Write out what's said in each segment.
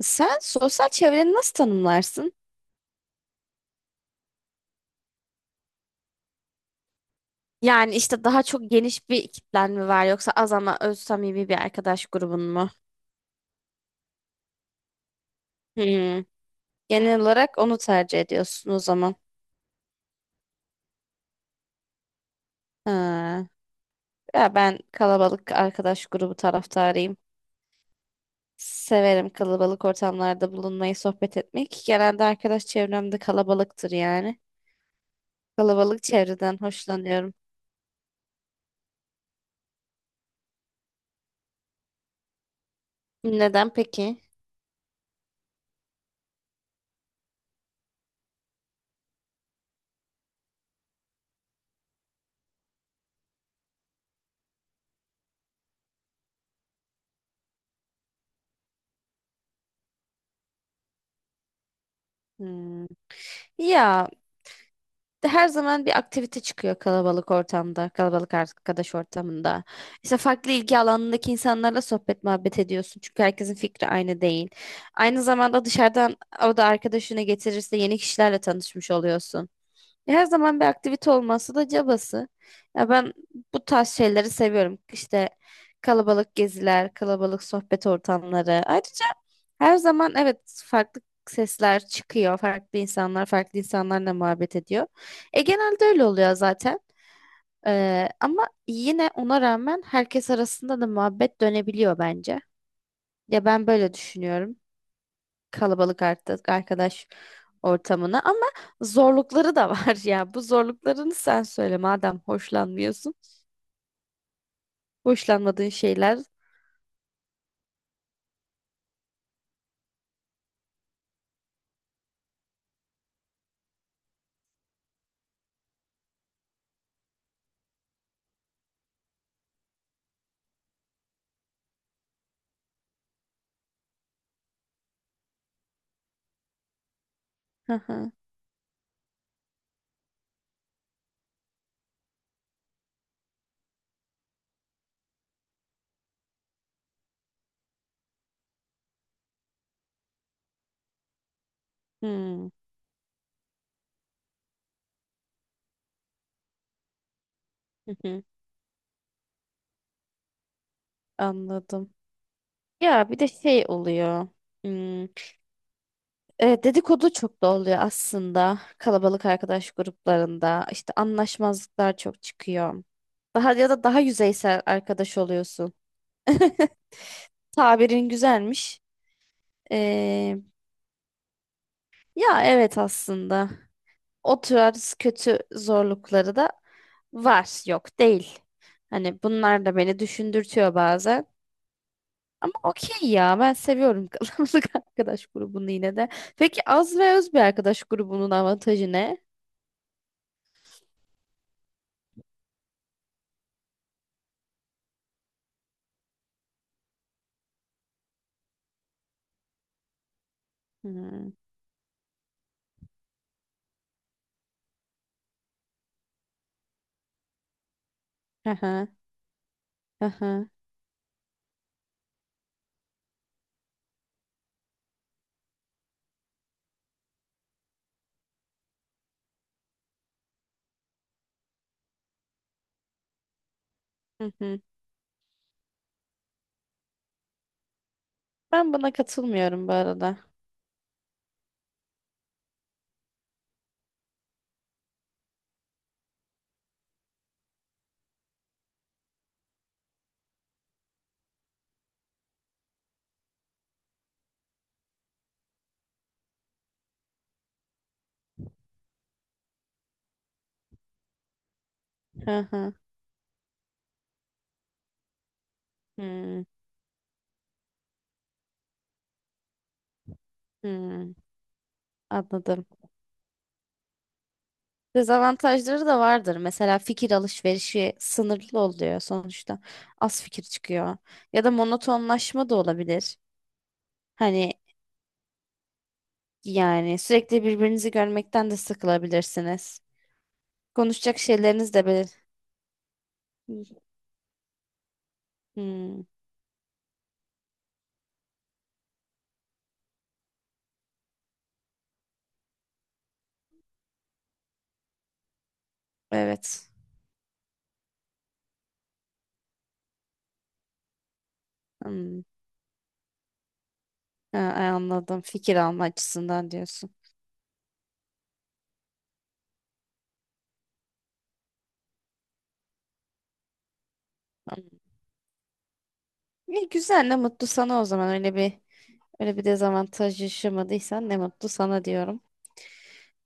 Sen sosyal çevreni nasıl tanımlarsın? Yani işte daha çok geniş bir kitlen mi var yoksa az ama öz samimi bir arkadaş grubun mu? Hmm. Genel olarak onu tercih ediyorsun o zaman. Ha. Ya ben kalabalık arkadaş grubu taraftarıyım. Severim kalabalık ortamlarda bulunmayı, sohbet etmek. Genelde arkadaş çevrem de kalabalıktır yani. Kalabalık çevreden hoşlanıyorum. Neden peki? Hmm. Ya her zaman bir aktivite çıkıyor kalabalık ortamda, kalabalık arkadaş ortamında. İşte farklı ilgi alanındaki insanlarla sohbet muhabbet ediyorsun. Çünkü herkesin fikri aynı değil. Aynı zamanda dışarıdan o da arkadaşını getirirse yeni kişilerle tanışmış oluyorsun. Her zaman bir aktivite olması da cabası. Ya ben bu tarz şeyleri seviyorum. İşte kalabalık geziler, kalabalık sohbet ortamları. Ayrıca her zaman evet farklı sesler çıkıyor. Farklı insanlar, farklı insanlarla muhabbet ediyor. E genelde öyle oluyor zaten. Ama yine ona rağmen herkes arasında da muhabbet dönebiliyor bence. Ya ben böyle düşünüyorum kalabalık artık arkadaş ortamına ama zorlukları da var ya. Bu zorluklarını sen söyle madem hoşlanmıyorsun. Hoşlanmadığın şeyler. Hı hı. Hmm, hı hı. Anladım. Ya bir de şey oluyor. Hmm, e, dedikodu çok da oluyor aslında. Kalabalık arkadaş gruplarında işte anlaşmazlıklar çok çıkıyor. Daha ya da daha yüzeysel arkadaş oluyorsun. Tabirin güzelmiş. Ee, ya evet aslında. O tarz kötü zorlukları da var. Yok değil. Hani bunlar da beni düşündürtüyor bazen. Ama okey ya ben seviyorum kalabalık arkadaş grubunu yine de. Peki az ve öz bir arkadaş grubunun avantajı ne? Hmm. Aha, aha, hı hı. Hı hı. Ben buna katılmıyorum bu arada. Aha, hmm, hmm. Anladım. Dezavantajları da vardır. Mesela fikir alışverişi sınırlı oluyor sonuçta. Az fikir çıkıyor. Ya da monotonlaşma da olabilir. Hani yani sürekli birbirinizi görmekten de sıkılabilirsiniz. Konuşacak şeyleriniz de belir. Hmm, evet. Hmm, ha, ay, anladım. Fikir alma açısından diyorsun. Hmm. İyi, güzel ne mutlu sana o zaman. Öyle bir öyle bir dezavantaj yaşamadıysan ne mutlu sana diyorum.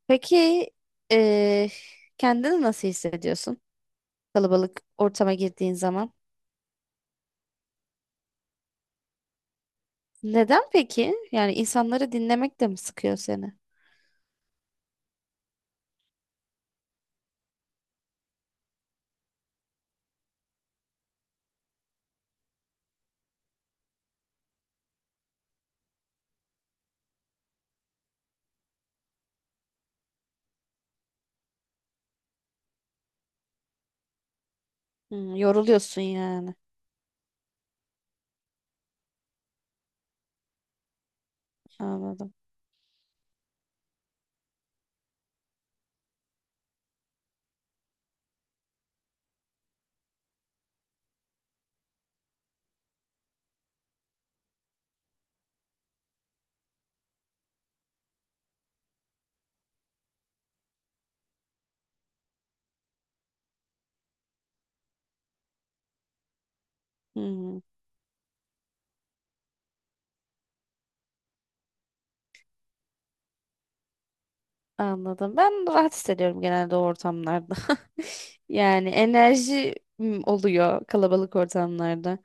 Peki eee kendini nasıl hissediyorsun? Kalabalık ortama girdiğin zaman. Neden peki? Yani insanları dinlemek de mi sıkıyor seni? Hmm, yoruluyorsun yani. Anladım. Hmm, anladım. Ben rahat hissediyorum genelde o ortamlarda. Yani enerji oluyor kalabalık ortamlarda.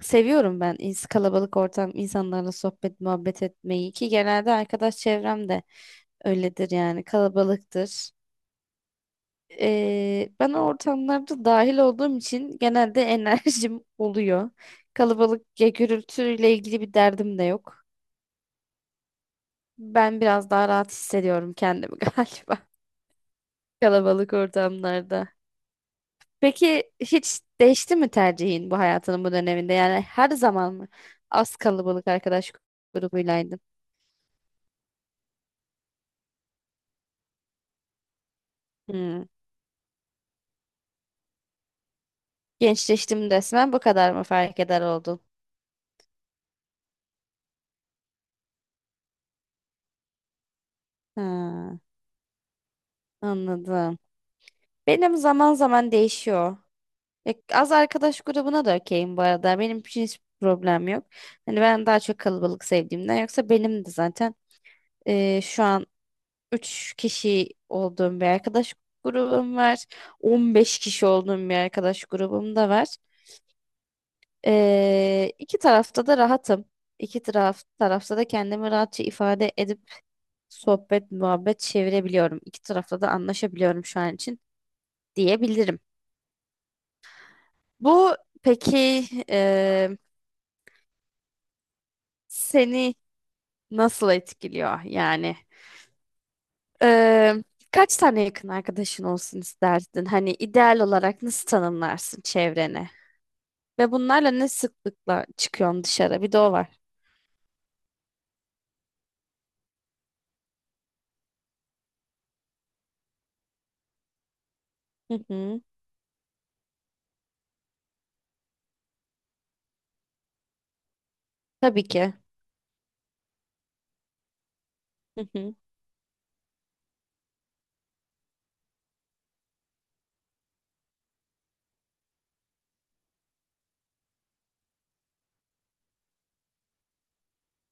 Seviyorum ben kalabalık ortam insanlarla sohbet muhabbet etmeyi ki genelde arkadaş çevrem de öyledir yani kalabalıktır. Ben ortamlarda dahil olduğum için genelde enerjim oluyor. Kalabalık ya gürültüyle ilgili bir derdim de yok. Ben biraz daha rahat hissediyorum kendimi galiba kalabalık ortamlarda. Peki hiç değişti mi tercihin bu hayatının bu döneminde? Yani her zaman mı az kalabalık arkadaş grubuylaydın? Hmm. Gençleştim desem bu kadar mı fark eder oldun? Ha, anladım. Benim zaman zaman değişiyor. Ya az arkadaş grubuna da okeyim bu arada. Benim için hiç problem yok. Hani ben daha çok kalabalık sevdiğimden yoksa benim de zaten e, şu an 3 kişi olduğum bir arkadaş grubum var. 15 kişi olduğum bir arkadaş grubum da var. E, iki tarafta da rahatım. İki taraf, tarafta da kendimi rahatça ifade edip sohbet, muhabbet çevirebiliyorum. İki tarafta da anlaşabiliyorum şu an için diyebilirim. Bu peki e, seni nasıl etkiliyor yani? Ee, kaç tane yakın arkadaşın olsun isterdin? Hani ideal olarak nasıl tanımlarsın çevreni? Ve bunlarla ne sıklıkla çıkıyorsun dışarı? Bir de o var. Hı hı. Tabii ki. Hı hı.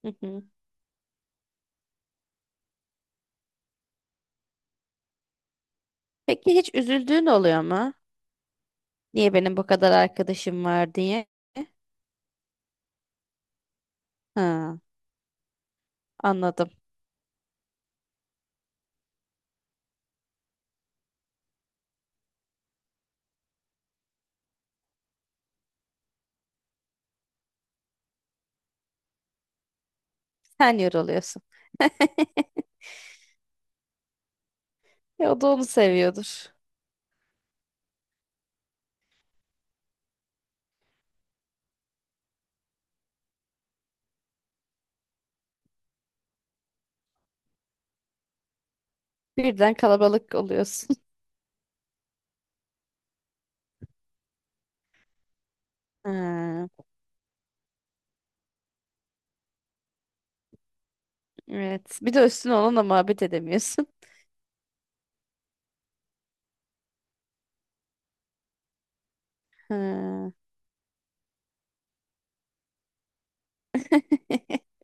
Hı hı. Peki hiç üzüldüğün oluyor mu? Niye benim bu kadar arkadaşım var diye? Ha, anladım. Sen yoruluyorsun. Ya o da onu seviyordur. Birden kalabalık oluyorsun. Ha, evet. Bir de üstüne onunla muhabbet edemiyorsun. Ha.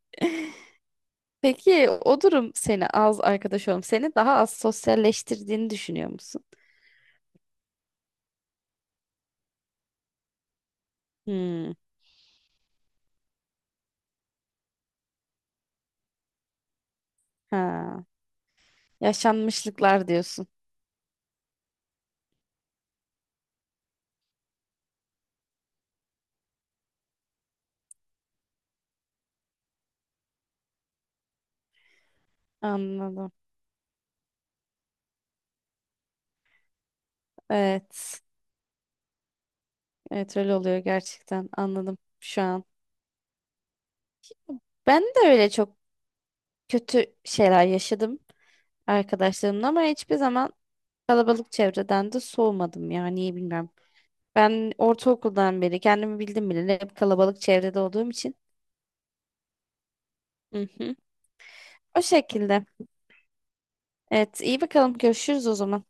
Peki o durum seni az arkadaş seni daha az sosyalleştirdiğini düşünüyor musun? Hmm. Ha. Yaşanmışlıklar diyorsun. Anladım. Evet. Evet öyle oluyor gerçekten. Anladım şu an. Ben de öyle çok kötü şeyler yaşadım arkadaşlarımla ama hiçbir zaman kalabalık çevreden de soğumadım ya. Niye bilmiyorum. Ben ortaokuldan beri kendimi bildim bile hep kalabalık çevrede olduğum için. Hı hı. O şekilde. Evet, iyi bakalım. Görüşürüz o zaman.